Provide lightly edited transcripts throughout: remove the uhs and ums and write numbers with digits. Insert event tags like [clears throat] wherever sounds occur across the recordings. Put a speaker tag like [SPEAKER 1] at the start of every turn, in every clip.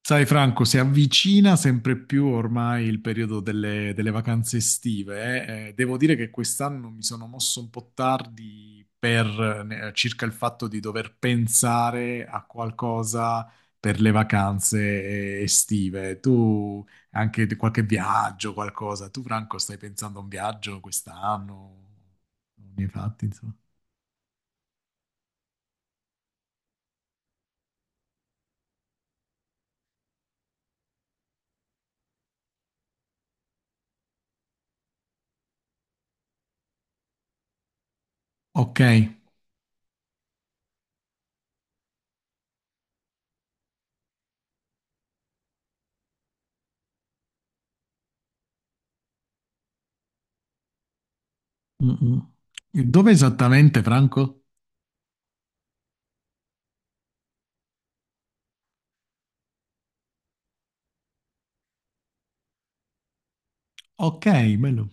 [SPEAKER 1] Sai Franco, si avvicina sempre più ormai il periodo delle vacanze estive. Devo dire che quest'anno mi sono mosso un po' tardi circa il fatto di dover pensare a qualcosa per le vacanze estive. Tu anche di qualche viaggio, qualcosa. Tu Franco stai pensando a un viaggio quest'anno? Non ne hai fatti, insomma. Ok. Mm, mm. Dove esattamente Franco? Ok, bello.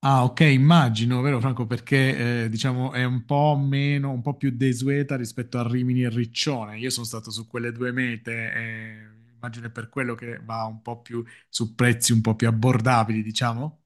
[SPEAKER 1] Ah, ok, immagino, vero Franco, perché diciamo è un po' meno, un po' più desueta rispetto a Rimini e Riccione. Io sono stato su quelle due mete, e immagino è per quello che va un po' più su prezzi un po' più abbordabili, diciamo.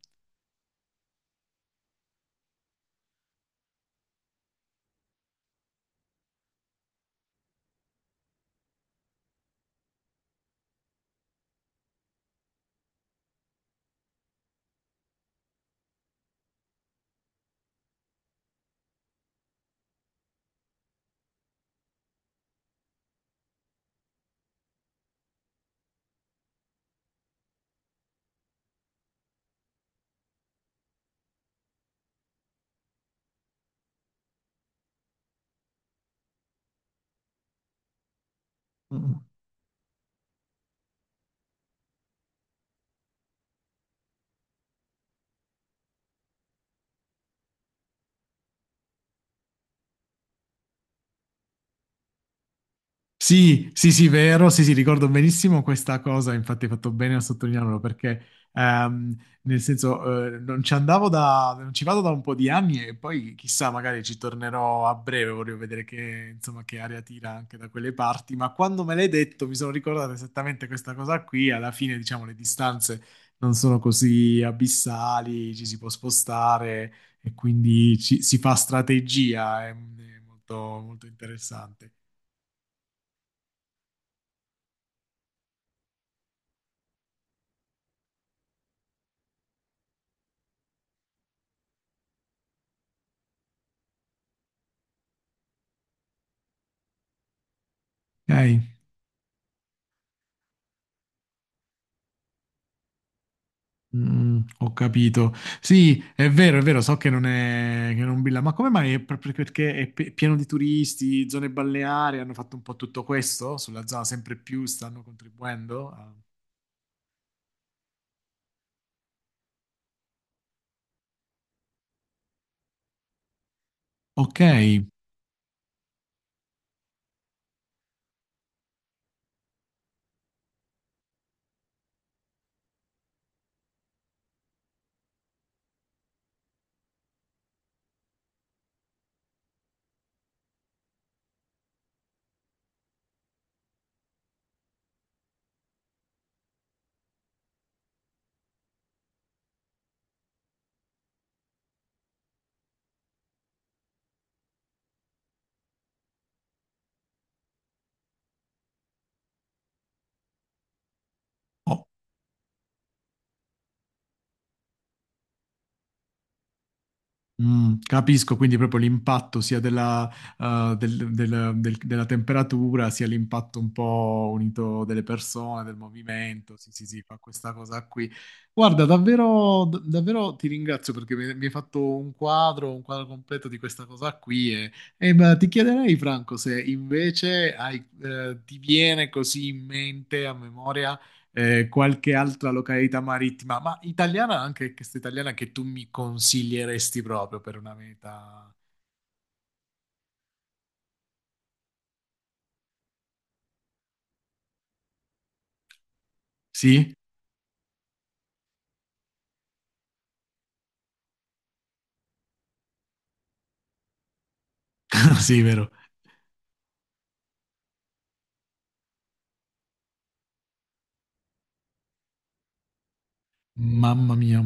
[SPEAKER 1] Sì, sì, sì, vero, sì, sì, ricordo benissimo questa cosa, infatti hai fatto bene a sottolinearlo perché ehm, nel senso non ci vado da un po' di anni e poi chissà, magari ci tornerò a breve, voglio vedere che, insomma, che aria tira anche da quelle parti, ma quando me l'hai detto mi sono ricordato esattamente questa cosa qui, alla fine diciamo le distanze non sono così abissali, ci si può spostare e quindi si fa strategia, è molto, molto interessante. Ok. Ho capito. Sì, è vero, so che non è, che non Billa, ma come mai? È proprio perché è pieno di turisti, zone balneari, hanno fatto un po' tutto questo sulla zona, sempre più stanno contribuendo. Ok, ho, capisco, quindi proprio l'impatto sia della, del- del- del- della temperatura, sia l'impatto un po' unito delle persone, del movimento. Sì, sì, sì, fa questa cosa qui. Guarda, davvero, davvero ti ringrazio perché mi hai fatto un quadro completo di questa cosa qui. E, ma ti chiederei, Franco, se invece ti viene così in mente, a memoria qualche altra località marittima, ma italiana anche, questa italiana che tu mi consiglieresti proprio per una meta. Sì? [laughs] Sì, vero. Mamma mia.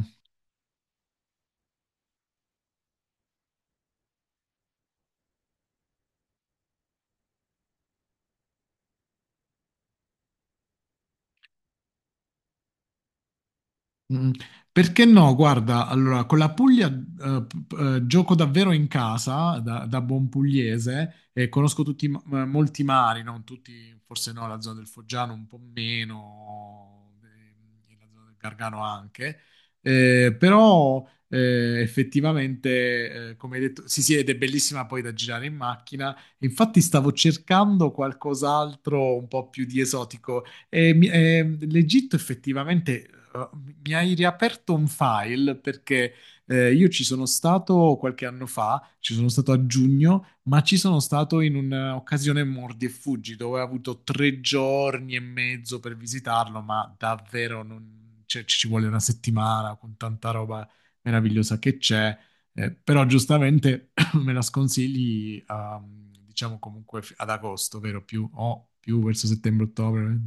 [SPEAKER 1] Mm, Perché no? Guarda, allora, con la Puglia gioco davvero in casa, da buon pugliese, e conosco tutti, molti mari, non tutti, forse no, la zona del Foggiano un po' meno, la zona del Gargano anche. Però effettivamente, come hai detto, sì sì, ed è bellissima poi da girare in macchina, infatti stavo cercando qualcos'altro un po' più di esotico, e l'Egitto effettivamente eh, mi hai riaperto un file perché io ci sono stato qualche anno fa, ci sono stato a giugno, ma ci sono stato in un'occasione mordi e fuggi dove ho avuto 3 giorni e mezzo per visitarlo, ma davvero cioè, ci vuole una settimana con tanta roba meravigliosa che c'è. Però giustamente [clears throat] me la sconsigli, diciamo comunque ad agosto, vero? Più, o più verso settembre-ottobre.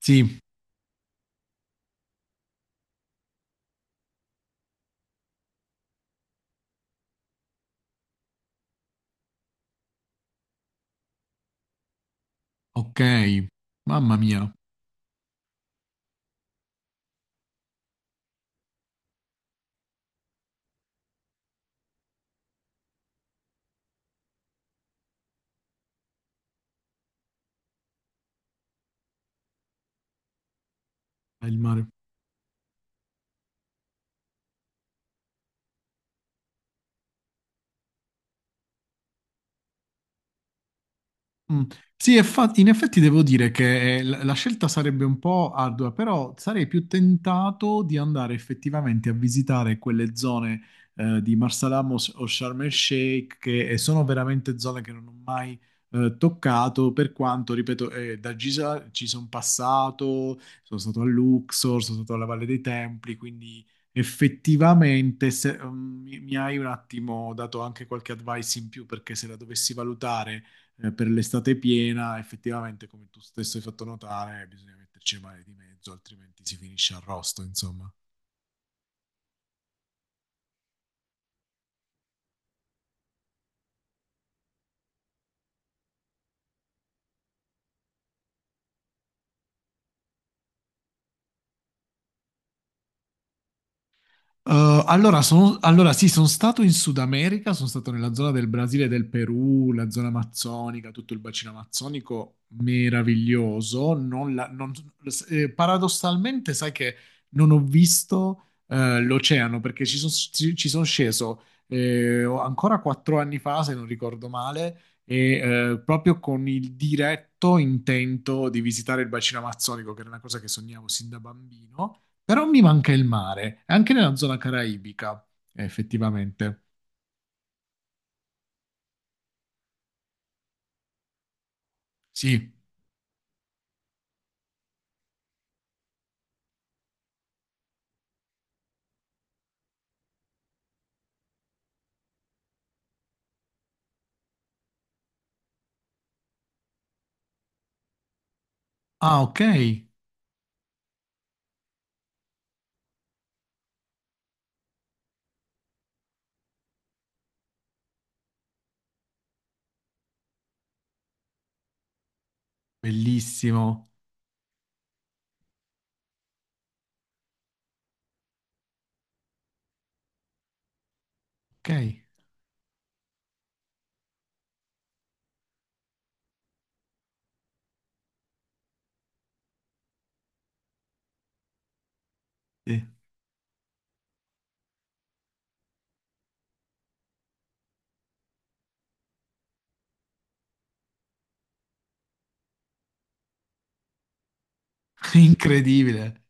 [SPEAKER 1] Sì, ok. Mamma mia, è il mare. Mm. Sì, in effetti devo dire che la scelta sarebbe un po' ardua, però sarei più tentato di andare effettivamente a visitare quelle zone di Marsalamos o Sharm el Sheikh, che sono veramente zone che non ho mai toccato, per quanto, ripeto, da Giza ci sono passato, sono stato a Luxor, sono stato alla Valle dei Templi, quindi effettivamente mi hai un attimo dato anche qualche advice in più, perché se la dovessi valutare per l'estate piena, effettivamente, come tu stesso hai fatto notare, bisogna metterci male di mezzo, altrimenti si finisce arrosto, insomma. Eh, allora, allora sì, sono stato in Sud America, sono stato nella zona del Brasile e del Perù, la zona amazzonica, tutto il bacino amazzonico, meraviglioso. Non la- non- paradossalmente, sai che non ho visto l'oceano perché ci sono sceso ancora 4 anni fa, se non ricordo male, e proprio con il diretto intento di visitare il bacino amazzonico, che era una cosa che sognavo sin da bambino. Però mi manca il mare, è anche nella zona caraibica, effettivamente. Sì. Ah, ok, bellissimo. Ok, sì. [laughs] Incredibile.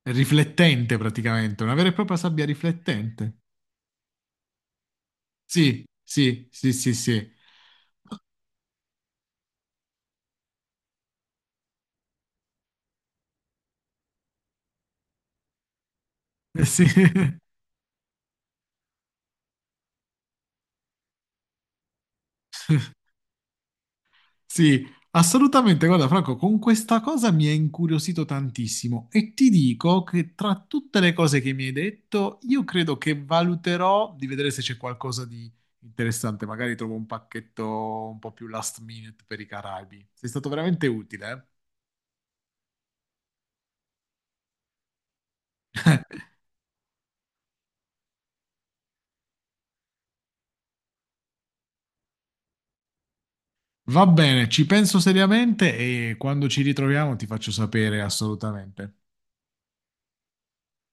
[SPEAKER 1] È riflettente praticamente, una vera e propria sabbia riflettente. Sì, sì, sì, sì, sì. [laughs] Sì. Sì, assolutamente. Guarda, Franco, con questa cosa mi è incuriosito tantissimo e ti dico che tra tutte le cose che mi hai detto, io credo che valuterò di vedere se c'è qualcosa di interessante. Magari trovo un pacchetto un po' più last minute per i Caraibi. Sei stato veramente utile, eh? Va bene, ci penso seriamente e quando ci ritroviamo ti faccio sapere assolutamente.